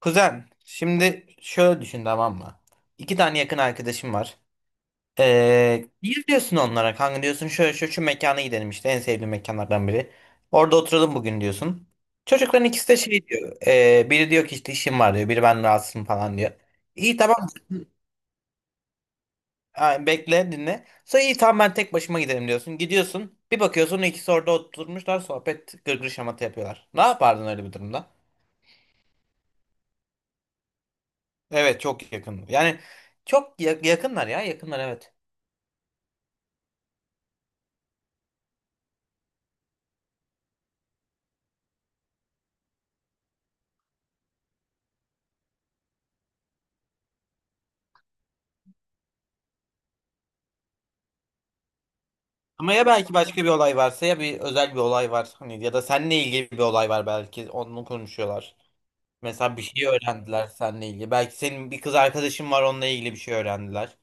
Kuzen, şimdi şöyle düşün, tamam mı? İki tane yakın arkadaşım var. Bir diyorsun onlara, kanka diyorsun, şöyle şöyle şu mekana gidelim işte, en sevdiğim mekanlardan biri. Orada oturalım bugün diyorsun. Çocukların ikisi de şey diyor. Biri diyor ki işte işim var diyor. Biri ben rahatsızım falan diyor. İyi tamam, ha, bekle dinle. Sonra iyi tamam ben tek başıma gidelim diyorsun. Gidiyorsun bir bakıyorsun ikisi orada oturmuşlar, sohbet, gırgır, şamata yapıyorlar. Ne yapardın öyle bir durumda? Evet, çok yakın. Yani çok yakınlar ya, yakınlar, evet. Ama ya belki başka bir olay varsa, ya bir özel bir olay var hani, ya da seninle ilgili bir olay var, belki onu konuşuyorlar. Mesela bir şey öğrendiler seninle ilgili. Belki senin bir kız arkadaşın var, onunla ilgili bir şey öğrendiler.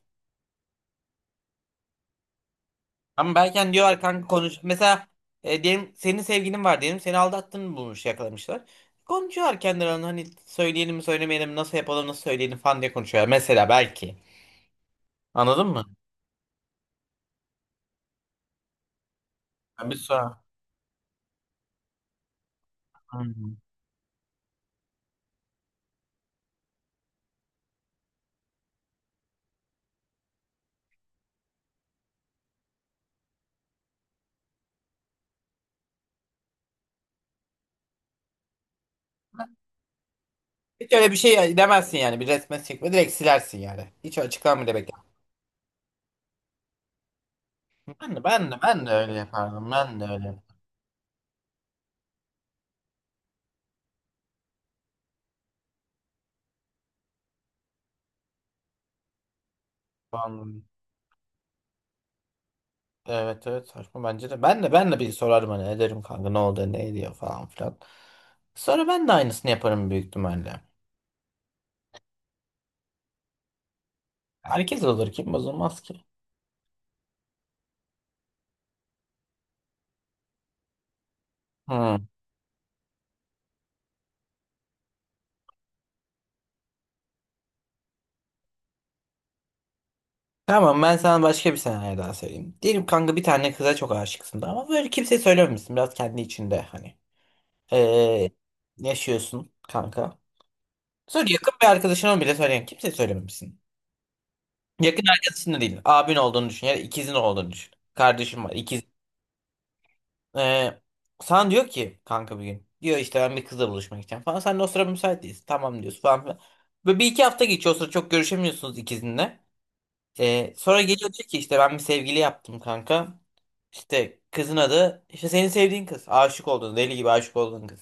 Ama belki hani diyorlar kanka konuş. Mesela diyelim senin sevgilin var, diyelim seni aldattığını bulmuş, yakalamışlar. Konuşuyorlar kendilerine, hani söyleyelim mi söylemeyelim mi, nasıl yapalım nasıl söyleyelim falan diye konuşuyorlar. Mesela belki. Anladın mı? Yani bir sonra. Hı hı. Hiç öyle bir şey demezsin yani, bir resme çekme direkt silersin yani. Hiç açıklama bile bekle. Ben de öyle yapardım. Ben de öyle yapardım. Evet evet, saçma bence de. Ben de bir sorarım hani, ederim kanka ne oldu ne ediyor falan filan. Sonra ben de aynısını yaparım büyük ihtimalle. Herkes olur, kim bozulmaz ki. Hmm. Tamam, ben sana başka bir senaryo daha söyleyeyim. Diyelim kanka bir tane kıza çok aşıksın da, ama böyle kimseye söylememişsin, biraz kendi içinde hani. Ee, Yaşıyorsun kanka. Sonra yakın bir arkadaşına bile söyleyen, kimseye söylememişsin. Yakın arkadaşın da değil. Abin olduğunu düşün. Ya da ikizin olduğunu düşün. Kardeşim var, ikiz. Ee, Sana diyor ki kanka bir gün. Diyor işte ben bir kızla buluşmak istiyorum falan. Sen de o sıra müsait değilsin. Tamam diyorsun falan filan. Böyle bir iki hafta geçiyor. O sıra çok görüşemiyorsunuz ikizinle. Sonra geliyor diyor ki işte ben bir sevgili yaptım kanka. İşte kızın adı, işte senin sevdiğin kız. Aşık olduğun, deli gibi aşık olduğun kız.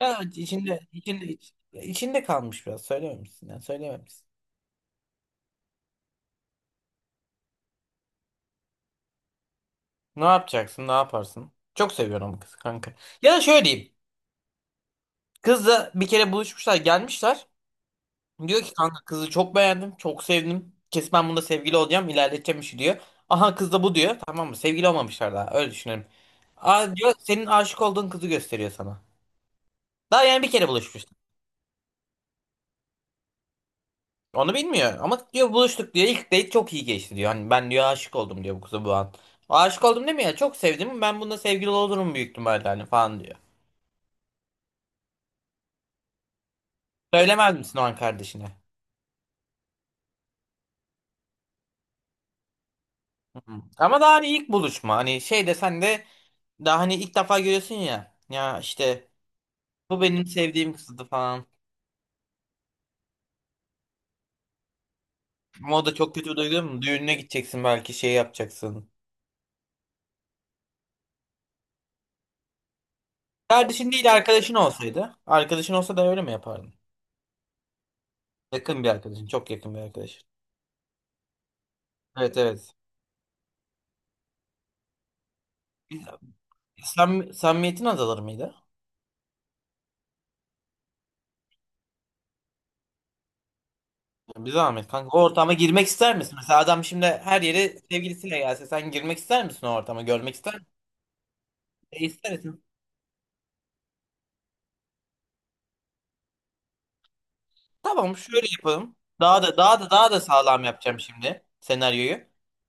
Ya içinde kalmış biraz. Söylememişsin. Yani, ne yapacaksın? Ne yaparsın? Çok seviyorum kızı kanka. Ya da şöyle diyeyim. Kızla bir kere buluşmuşlar, gelmişler. Diyor ki kanka kızı çok beğendim, çok sevdim. Kesin ben bunda sevgili olacağım, ilerleteceğim işi diyor. Aha kız da bu diyor. Tamam mı? Sevgili olmamışlar daha. Öyle düşünelim. Aa diyor, senin aşık olduğun kızı gösteriyor sana. Daha yani bir kere buluşmuşlar. Onu bilmiyor ama, diyor buluştuk diyor. İlk date çok iyi geçti diyor. Hani ben diyor aşık oldum diyor bu kıza bu an. Aşık oldum demiyor ya, çok sevdim. Ben bunda sevgili olurum büyük ihtimalle hani falan diyor. Söylemez misin o an kardeşine? Hı. Ama daha hani ilk buluşma, hani şey de, sen de daha hani ilk defa görüyorsun ya, ya işte bu benim sevdiğim kızdı falan. Ama o da çok kötü bir duygu mu? Düğününe gideceksin, belki şey yapacaksın. Kardeşin değil arkadaşın olsaydı. Arkadaşın olsa da öyle mi yapardın? Yakın bir arkadaşın, çok yakın bir arkadaşın. Evet evet. Biz, sam samimiyetin azalır mıydı? Yani bir zahmet kanka, o ortama girmek ister misin? Mesela adam şimdi her yere sevgilisiyle gelse, sen girmek ister misin o ortama, görmek ister misin? E, ister Tamam, şöyle yapalım. Daha da sağlam yapacağım şimdi senaryoyu.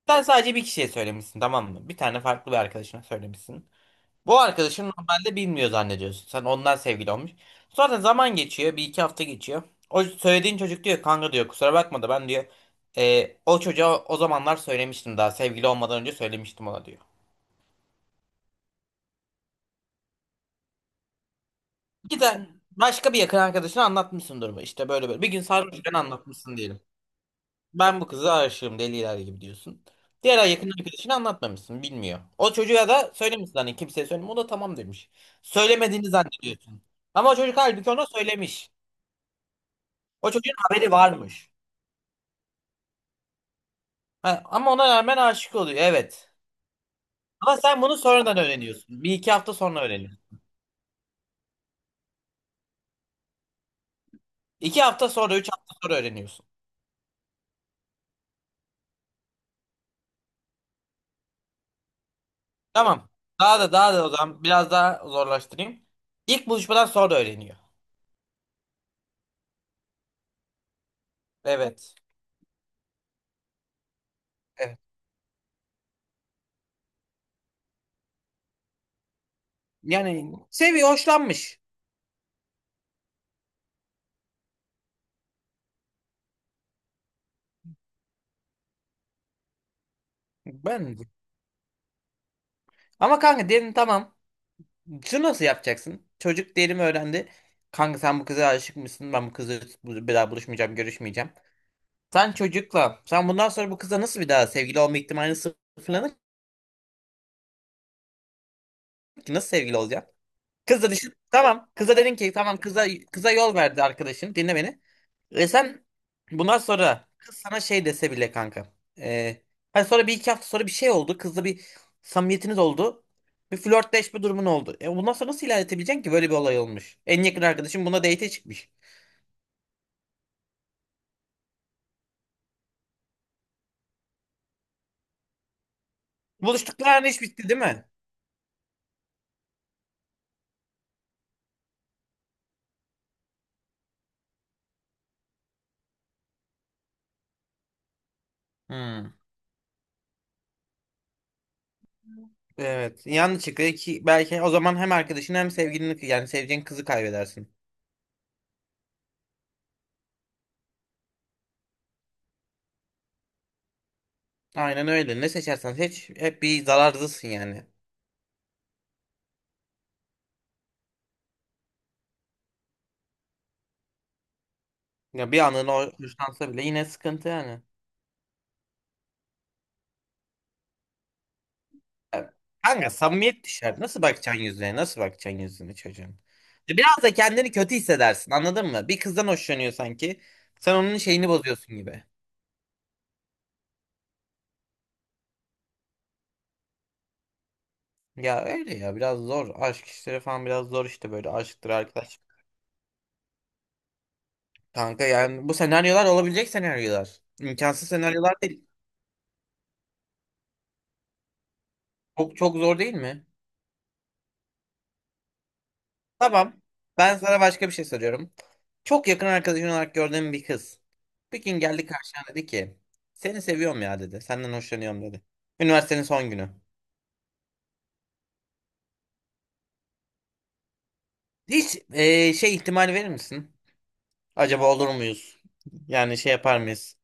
Sen sadece bir kişiye söylemişsin, tamam mı? Bir tane farklı bir arkadaşına söylemişsin. Bu arkadaşın normalde bilmiyor zannediyorsun. Sen ondan sevgili olmuş. Sonra zaman geçiyor. Bir iki hafta geçiyor. O söylediğin çocuk diyor kanka, diyor kusura bakma da ben diyor, " O çocuğa o zamanlar söylemiştim, daha sevgili olmadan önce söylemiştim ona diyor. Giden başka bir yakın arkadaşına anlatmışsın durumu. İşte böyle böyle. Bir gün sarhoşken anlatmışsın diyelim. Ben bu kıza aşığım deliler gibi diyorsun. Diğer ay yakın arkadaşını anlatmamışsın, bilmiyor. O çocuğa da söylemişsin, hani kimseye söyleme, o da tamam demiş. Söylemediğini zannediyorsun. Ama o çocuk halbuki ona söylemiş. O çocuğun haberi varmış. Ha, ama ona rağmen aşık oluyor, evet. Ama sen bunu sonradan öğreniyorsun. Bir iki hafta sonra öğreniyorsun. İki hafta sonra, üç hafta sonra öğreniyorsun. Tamam. Daha da o zaman biraz daha zorlaştırayım. İlk buluşmadan sonra öğreniyor. Evet. Evet. Yani seviyor, hoşlanmış. Ben Ama kanka diyelim tamam. Şunu nasıl yapacaksın? Çocuk diyelim öğrendi. Kanka sen bu kıza aşık mısın? Ben bu kızla bir daha buluşmayacağım, görüşmeyeceğim. Sen çocukla, sen bundan sonra bu kızla nasıl bir daha sevgili olma ihtimalini sıfırlanır ki? Nasıl sevgili olacaksın? Kızla düşün. Tamam. Kıza dedin ki tamam, kıza yol verdi arkadaşın. Dinle beni. E sen bundan sonra, kız sana şey dese bile kanka. E, Hani sonra bir iki hafta sonra bir şey oldu. Kızla bir samimiyetiniz oldu. Bir flörtleşme durumun oldu. E bundan sonra nasıl ilerletebileceksin ki, böyle bir olay olmuş. En yakın arkadaşım buna date'e çıkmış. Buluştukları an iş bitti değil mi? Hmm. Evet. Yanlış çıkıyor ki, belki o zaman hem arkadaşını hem sevgilini, yani sevdiğin kızı kaybedersin. Aynen öyle. Ne seçersen seç hep bir zararlısın yani. Ya bir anın o hoşlansa bile yine sıkıntı yani. Kanka samimiyet düşer. Nasıl bakacaksın yüzüne? Nasıl bakacaksın yüzüne çocuğun? Biraz da kendini kötü hissedersin, anladın mı? Bir kızdan hoşlanıyor sanki. Sen onun şeyini bozuyorsun gibi. Ya öyle, ya biraz zor. Aşk işleri falan biraz zor işte, böyle aşktır arkadaş. Kanka yani bu senaryolar olabilecek senaryolar. İmkansız senaryolar değil. Çok çok zor değil mi? Tamam. Ben sana başka bir şey soruyorum. Çok yakın arkadaşın olarak gördüğüm bir kız. Bir gün geldi karşına, dedi ki seni seviyorum ya dedi. Senden hoşlanıyorum dedi. Üniversitenin son günü. Hiç şey ihtimali verir misin? Acaba olur muyuz? Yani şey yapar mıyız?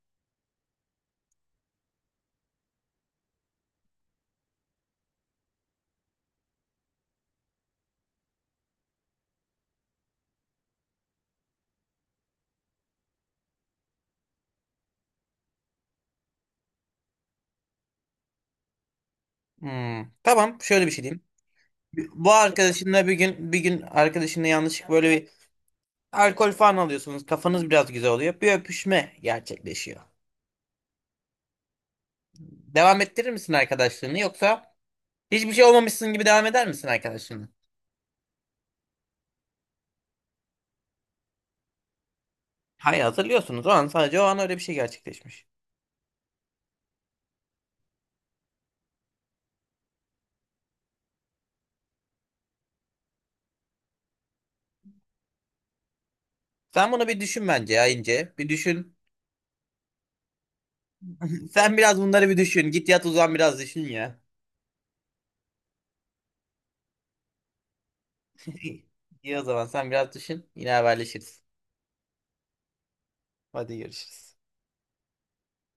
Hmm, tamam şöyle bir şey diyeyim. Bu arkadaşınla bir gün arkadaşınla yanlışlık, böyle bir alkol falan alıyorsunuz. Kafanız biraz güzel oluyor. Bir öpüşme gerçekleşiyor. Devam ettirir misin arkadaşlığını, yoksa hiçbir şey olmamışsın gibi devam eder misin arkadaşınla? Hayır, hatırlıyorsunuz o an, sadece o an öyle bir şey gerçekleşmiş. Sen bunu bir düşün bence ya, ince bir düşün. Sen biraz bunları bir düşün. Git yat, uzan, biraz düşün ya. İyi, o zaman sen biraz düşün. Yine haberleşiriz. Hadi görüşürüz.